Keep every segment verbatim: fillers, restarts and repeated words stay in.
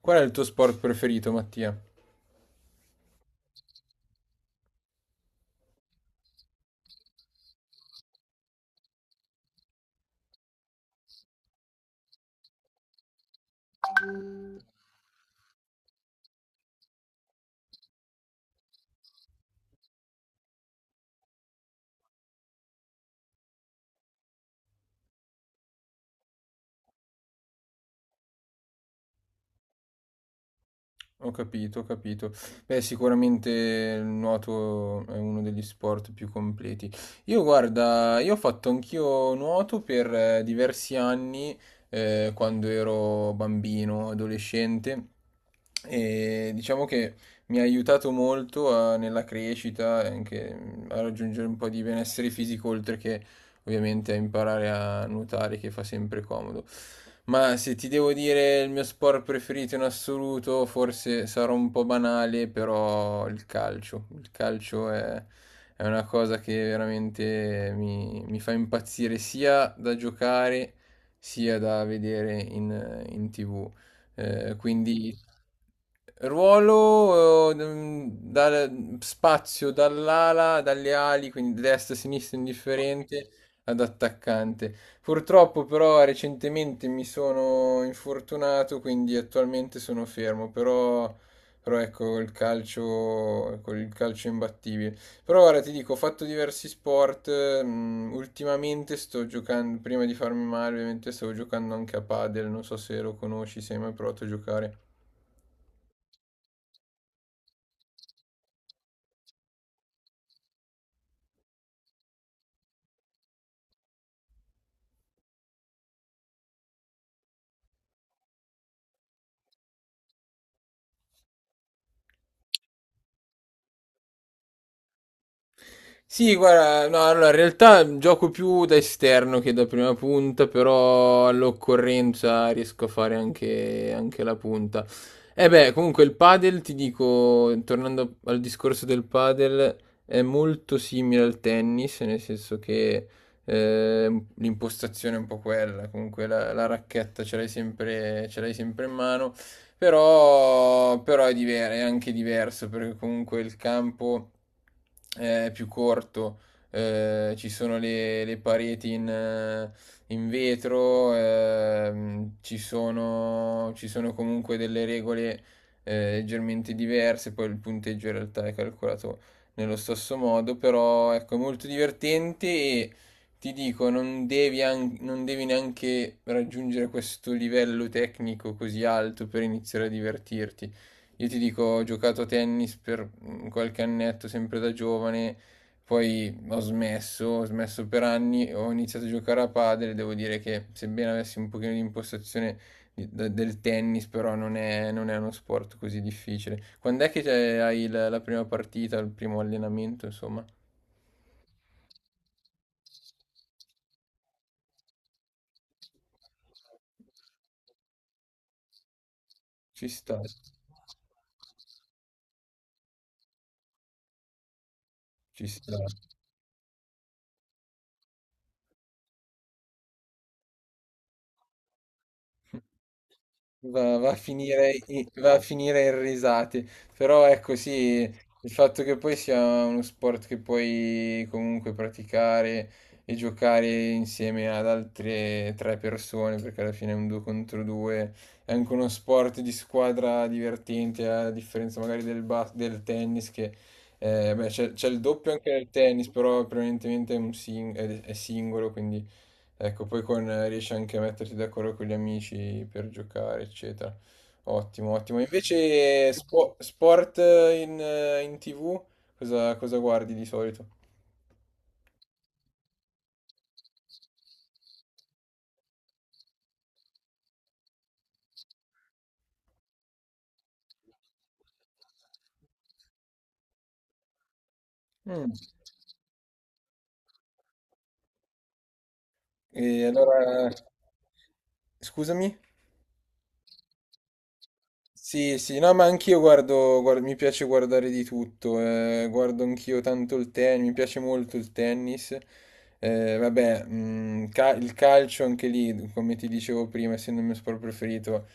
Qual è il tuo sport preferito, Mattia? Ho capito, ho capito. Beh, sicuramente il nuoto è uno degli sport più completi. Io, guarda, io ho fatto anch'io nuoto per eh, diversi anni, eh, quando ero bambino, adolescente, e diciamo che mi ha aiutato molto a- nella crescita, anche mm, a raggiungere un po' di benessere fisico, oltre che ovviamente a imparare a nuotare che fa sempre comodo. Ma se ti devo dire il mio sport preferito in assoluto, forse sarò un po' banale, però il calcio. Il calcio è, è una cosa che veramente mi, mi fa impazzire sia da giocare sia da vedere in, in T V. Eh, quindi ruolo eh, mm, dal spazio dall'ala, dalle ali, quindi destra, sinistra, indifferente ad attaccante. Purtroppo però recentemente mi sono infortunato, quindi attualmente sono fermo, però, però ecco il calcio, con il calcio è imbattibile. Però ora ti dico, ho fatto diversi sport, mm, ultimamente sto giocando, prima di farmi male ovviamente stavo giocando anche a padel, non so se lo conosci, se hai mai provato a giocare. Sì, guarda, no, allora, in realtà gioco più da esterno che da prima punta, però all'occorrenza riesco a fare anche, anche la punta. E beh, comunque il padel, ti dico, tornando al discorso del padel, è molto simile al tennis, nel senso che eh, l'impostazione è un po' quella, comunque la, la racchetta ce l'hai sempre, ce l'hai sempre in mano. Però, però è, diver- è anche diverso perché comunque il campo è più corto, eh, ci sono le, le pareti in, eh, in vetro, ehm, ci sono, ci sono comunque delle regole eh, leggermente diverse, poi il punteggio in realtà è calcolato nello stesso modo, però ecco, è molto divertente e ti dico, non devi, an- non devi neanche raggiungere questo livello tecnico così alto per iniziare a divertirti. Io ti dico, ho giocato a tennis per mm, qualche annetto, sempre da giovane, poi ho smesso, ho smesso per anni, ho iniziato a giocare a padel, devo dire che sebbene avessi un pochino di impostazione di- de- del tennis, però non è, non è uno sport così difficile. Quando è che c'è- hai la, la prima partita, il primo allenamento, insomma? Ci sta, ci sta. Va, va a finire, i- va a finire in risate, però ecco sì, il fatto che poi sia uno sport che puoi comunque praticare e giocare insieme ad altre tre persone, perché alla fine è un due contro due, è anche uno sport di squadra divertente, a differenza magari del, bas- del tennis, che eh, beh, c'è c'è il doppio anche nel tennis, però prevalentemente è, un sing- è è singolo, quindi... Ecco, poi con, eh, riesci anche a metterti d'accordo con gli amici per giocare, eccetera. Ottimo, ottimo. Invece spo- sport in, eh, in T V, cosa, cosa guardi di solito? Mm. E allora, scusami? Sì, sì, no, ma anch'io guardo, guardo- mi piace guardare di tutto, eh, guardo anch'io tanto il tennis, mi piace molto il tennis, eh, vabbè, mh, ca- il calcio anche lì, come ti dicevo prima, essendo il mio sport preferito,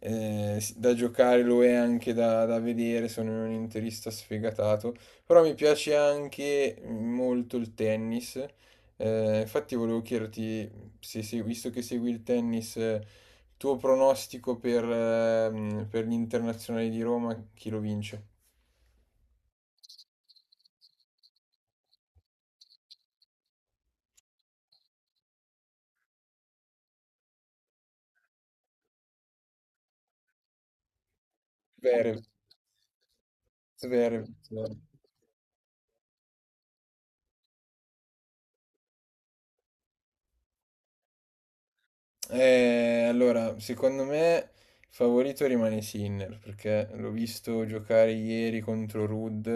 eh, s- da giocare lo è anche da, da vedere, sono un interista sfegatato, però mi piace anche mm, molto il tennis, eh, infatti volevo chiederti, se segui- visto che segui il tennis... Tuo pronostico per, ehm, per gli internazionali di Roma, chi lo vince? Zverev, Zverev, Zverev. Eh, allora, secondo me il favorito rimane Sinner perché l'ho visto giocare ieri contro Rudd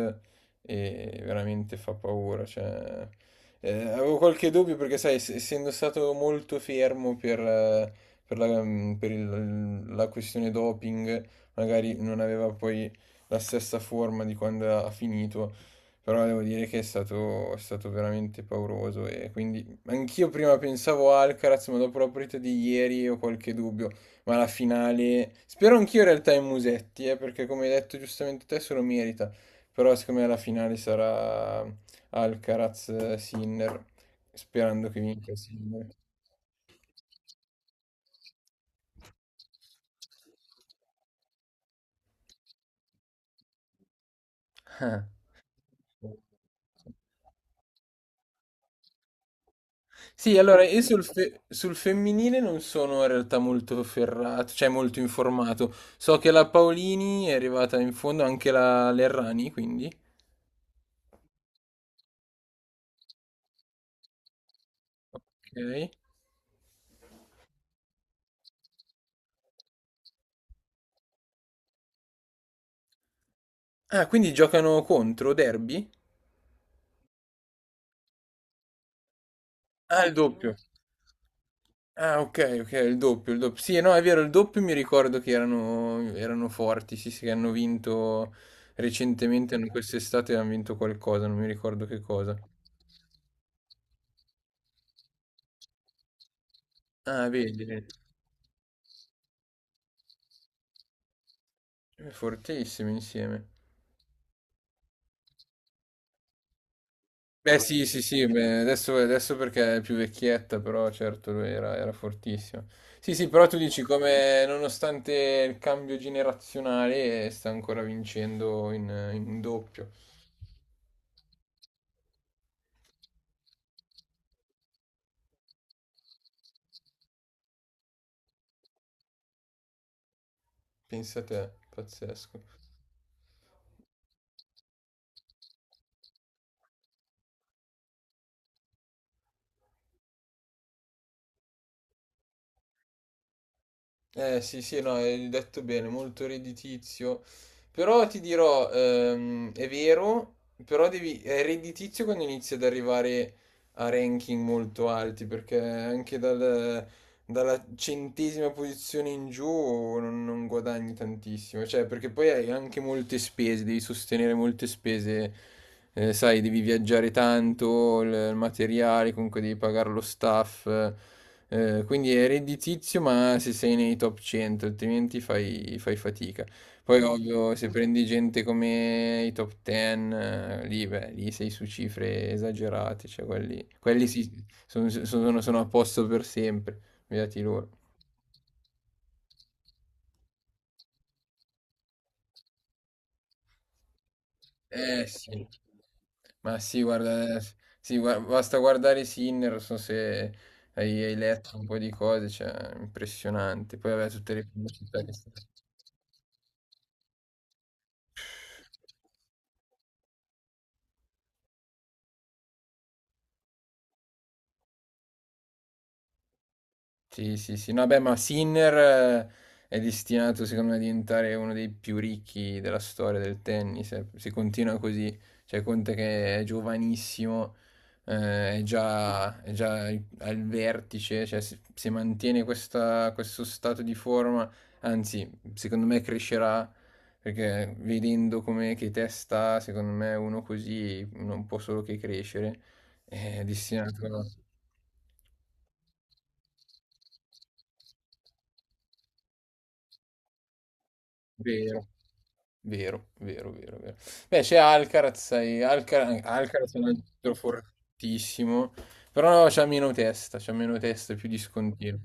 e veramente fa paura. Cioè, eh, avevo qualche dubbio perché, sai, ess- essendo stato molto fermo per, eh, per la, per il- la questione doping, magari non aveva poi la stessa forma di quando ha finito, però devo dire che è stato, è stato veramente pauroso e quindi. Anch'io prima pensavo Alcaraz, ma dopo la partita di ieri ho qualche dubbio. Ma la finale. Spero anch'io in realtà in Musetti, eh, perché come hai detto giustamente te, se lo merita. Però secondo me la finale sarà Alcaraz-Sinner, sperando che vinca Sinner. Sì, allora io sul, fe- sul femminile non sono in realtà molto ferrato, cioè molto informato. So che la Paolini è arrivata in fondo, anche la Lerrani, quindi. Ok. Ah, quindi giocano contro, derby? Ah, il doppio. Ah, ok, ok, il doppio, il doppio. Sì, no, è vero, il doppio mi ricordo che erano, erano forti, sì, sì, che hanno vinto recentemente, hanno- quest'estate hanno vinto qualcosa, non mi ricordo che cosa. Ah, vedi, vedi. Fortissimi insieme. Beh sì, sì, sì, beh, adesso, adesso perché è più vecchietta, però certo lui era, era fortissimo. Sì, sì, però tu dici come nonostante il cambio generazionale eh, sta ancora vincendo in, in doppio. Pensa te, pazzesco. Eh sì, sì, no, hai detto bene, molto redditizio. Però ti dirò, ehm, è vero, però devi, è redditizio quando inizi ad arrivare a ranking molto alti, perché anche dal... dalla centesima posizione in giù non, non guadagni tantissimo, cioè perché poi hai anche molte spese, devi sostenere molte spese, eh, sai, devi viaggiare tanto, il, il materiale, comunque devi pagare lo staff, eh, quindi è redditizio ma se sei nei top cento, altrimenti fai, fai fatica. Poi ovvio, se prendi gente come i top dieci, eh, lì, beh, lì sei su cifre esagerate, cioè quelli, quelli sì, sono sono- sono a posto per sempre. Beati loro. Eh sì, ma sì, guarda, eh, sì, gua- basta guardare Sinner, non so se hai, hai letto un po' di cose, cioè, impressionante. Poi vabbè, tutte le pubblicità che stanno. Sì, sì, sì. No, beh, ma Sinner eh, è destinato, secondo me, a diventare uno dei più ricchi della storia del tennis. Eh. Se continua così, cioè, conta che è giovanissimo, eh, è già, è già ai- al vertice, cioè, se, se mantiene questa- questo stato di forma, anzi, secondo me crescerà, perché vedendo come che testa, secondo me, uno così non può solo che crescere. È destinato... Vero. Vero, vero, vero, vero. Beh, c'è Alcaraz, e Alca- Alcaraz è un altro fortissimo, però c'ha meno testa, c'ha meno testa, più discontinuo.